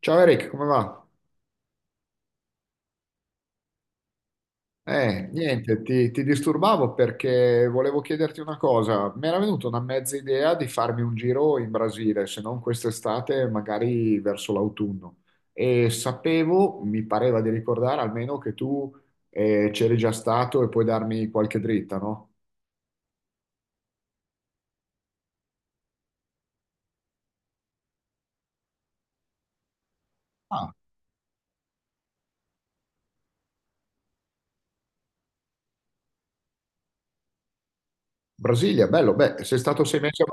Ciao Eric, come va? Niente, ti disturbavo perché volevo chiederti una cosa. Mi era venuta una mezza idea di farmi un giro in Brasile, se non quest'estate, magari verso l'autunno. E sapevo, mi pareva di ricordare almeno che tu c'eri già stato e puoi darmi qualche dritta, no? Ah, Brasilia, bello. Beh,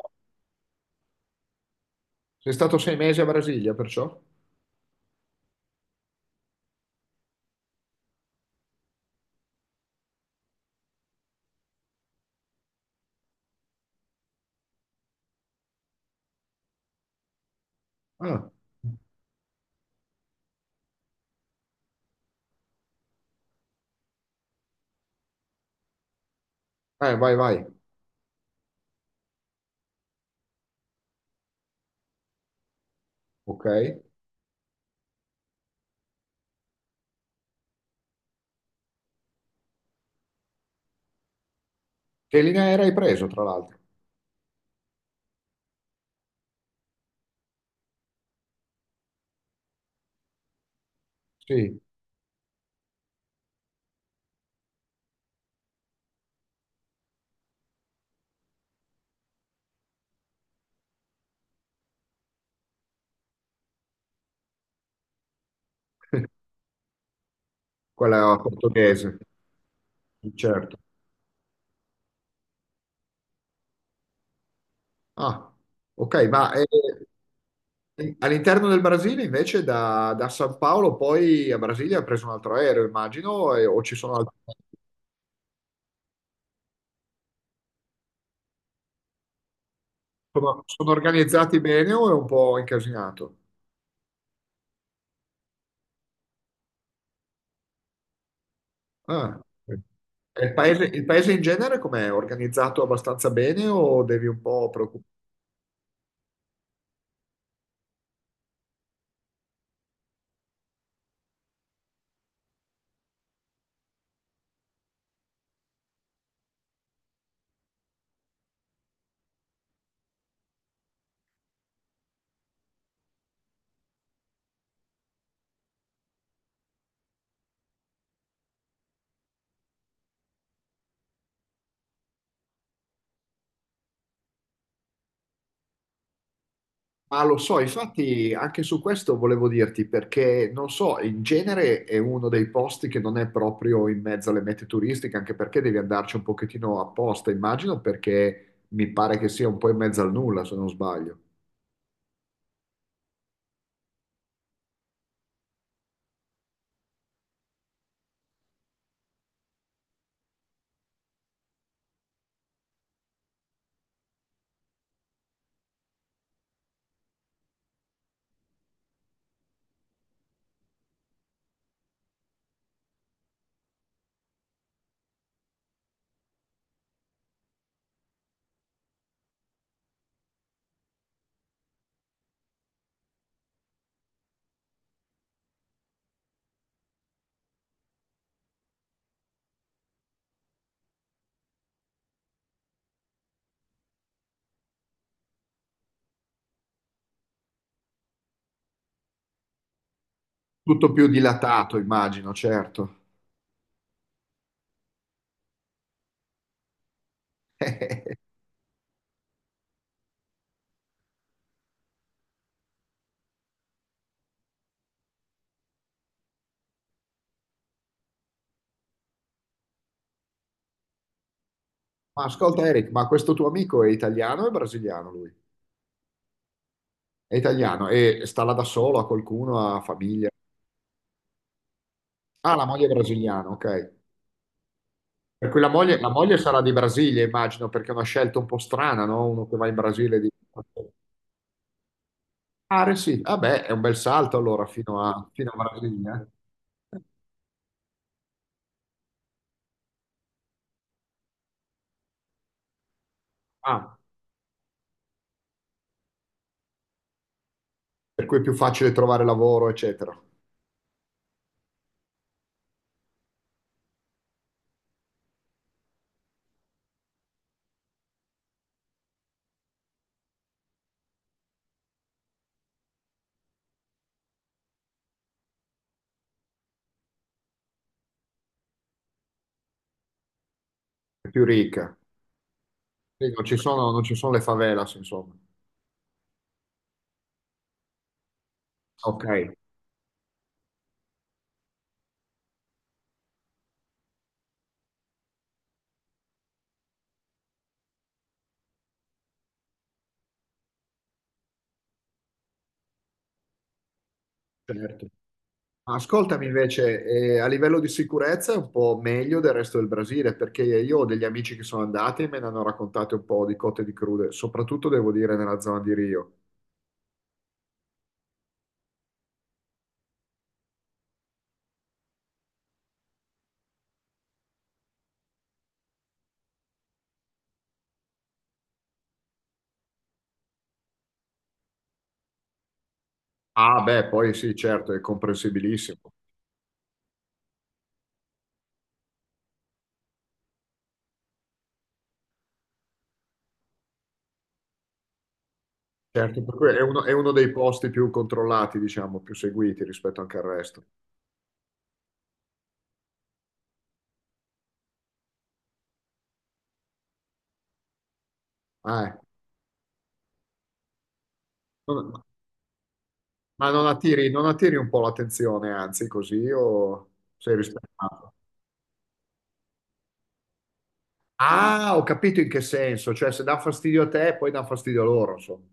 sei stato sei mesi a Brasilia, perciò? Ah, vai, vai. Ok. Che linea aerea hai preso, tra l'altro? Sì, quella portoghese. Certo. Ah, ok, all'interno del Brasile invece da San Paolo poi a Brasilia ha preso un altro aereo, immagino, o ci sono altri... Sono organizzati bene o è un po' incasinato? Ah, ok. E il paese, il paese in genere com'è? Organizzato abbastanza bene o devi un po' preoccuparti? Ma lo so, infatti anche su questo volevo dirti perché non so, in genere è uno dei posti che non è proprio in mezzo alle mete turistiche, anche perché devi andarci un pochettino apposta, immagino, perché mi pare che sia un po' in mezzo al nulla, se non sbaglio. Tutto più dilatato, immagino, certo. Ma ascolta Eric, ma questo tuo amico è italiano o è brasiliano lui? È italiano e sta là da solo, ha qualcuno, ha famiglia. Ah, la moglie è brasiliana, ok. Per cui la moglie sarà di Brasile, immagino, perché è una scelta un po' strana, no? Uno che va in Brasile di... Ah, sì, vabbè, è un bel salto allora fino a Brasile. Eh. Ah, per cui è più facile trovare lavoro, eccetera. È più ricca. Sì, non ci sono le favelas, insomma. Ok, certo. Ma ascoltami invece, a livello di sicurezza è un po' meglio del resto del Brasile, perché io ho degli amici che sono andati e me ne hanno raccontate un po' di cotte e di crude, soprattutto devo dire nella zona di Rio. Ah, beh, poi sì, certo, è comprensibilissimo. Certo, per cui è uno dei posti più controllati, diciamo, più seguiti rispetto anche al resto. Ah, eh. Non- Ma non attiri un po' l'attenzione, anzi, così o sei rispettato? Ah, ho capito in che senso, cioè se dà fastidio a te, poi dà fastidio a loro, insomma.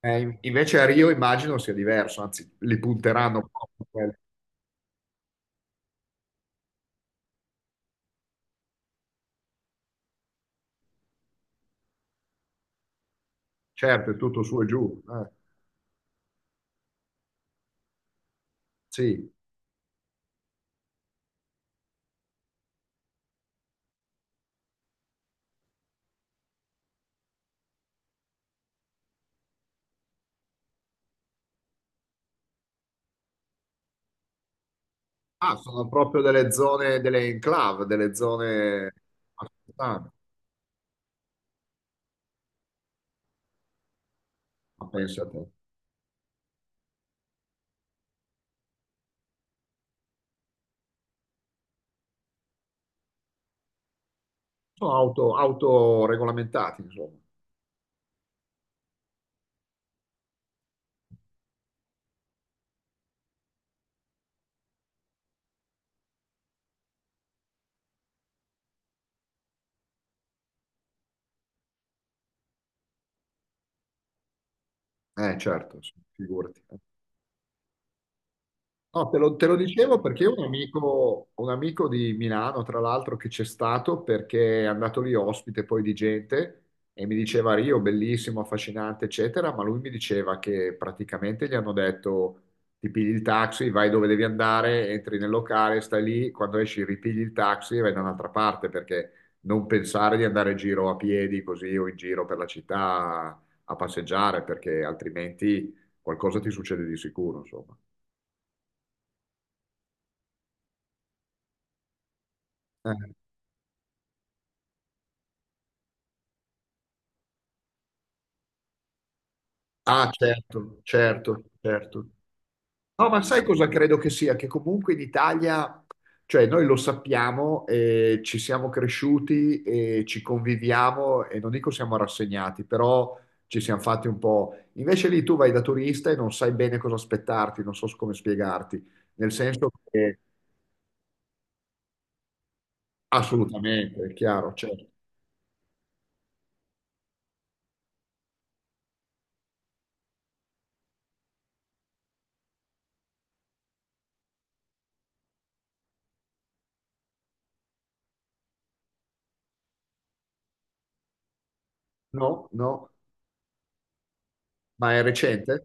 Invece a Rio immagino sia diverso, anzi, li punteranno proprio, quelli. Certo, è tutto su e giù, eh. Sì. Ah, sono proprio delle zone, delle enclave, delle zone africane. Ma pensa a te. Autoregolamentati, insomma. Certo, sì, figurati. No, te lo dicevo perché un amico di Milano, tra l'altro, che c'è stato perché è andato lì ospite poi di gente e mi diceva Rio, bellissimo, affascinante, eccetera, ma lui mi diceva che praticamente gli hanno detto ti pigli il taxi, vai dove devi andare, entri nel locale, stai lì, quando esci ripigli il taxi e vai da un'altra parte perché non pensare di andare in giro a piedi così o in giro per la città a passeggiare perché altrimenti qualcosa ti succede di sicuro, insomma. Eh. Ah, certo, certo, certo. No, ma sai cosa credo che sia? Che comunque in Italia, cioè noi lo sappiamo, ci siamo cresciuti e ci conviviamo e non dico siamo rassegnati, però ci siamo fatti un po'. Invece lì tu vai da turista e non sai bene cosa aspettarti, non so come spiegarti, nel senso che assolutamente, è chiaro, certo. No, no, ma è recente?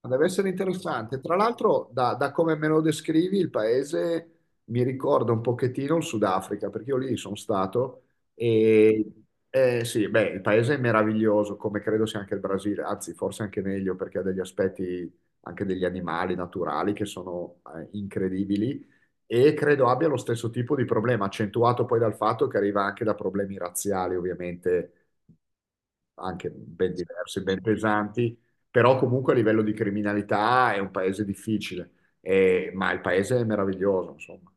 Deve essere interessante. Tra l'altro, da come me lo descrivi, il paese mi ricorda un pochettino il Sudafrica, perché io lì sono stato e sì, beh, il paese è meraviglioso, come credo sia anche il Brasile, anzi, forse anche meglio perché ha degli aspetti anche degli animali naturali che sono incredibili e credo abbia lo stesso tipo di problema, accentuato poi dal fatto che arriva anche da problemi razziali, ovviamente anche ben diversi, ben pesanti, però comunque a livello di criminalità è un paese difficile, ma il paese è meraviglioso, insomma.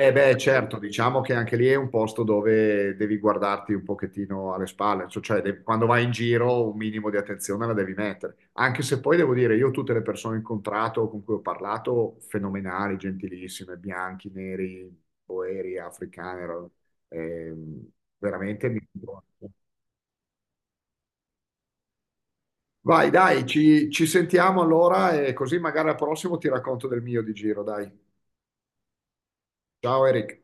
E beh, certo, diciamo che anche lì è un posto dove devi guardarti un pochettino alle spalle, quando vai in giro un minimo di attenzione la devi mettere, anche se poi devo dire, io tutte le persone incontrato con cui ho parlato, fenomenali, gentilissime, bianchi, neri, boeri, africani, ehm, veramente mi vai, dai, ci sentiamo allora e così magari al prossimo ti racconto del mio di giro, dai. Ciao Eric.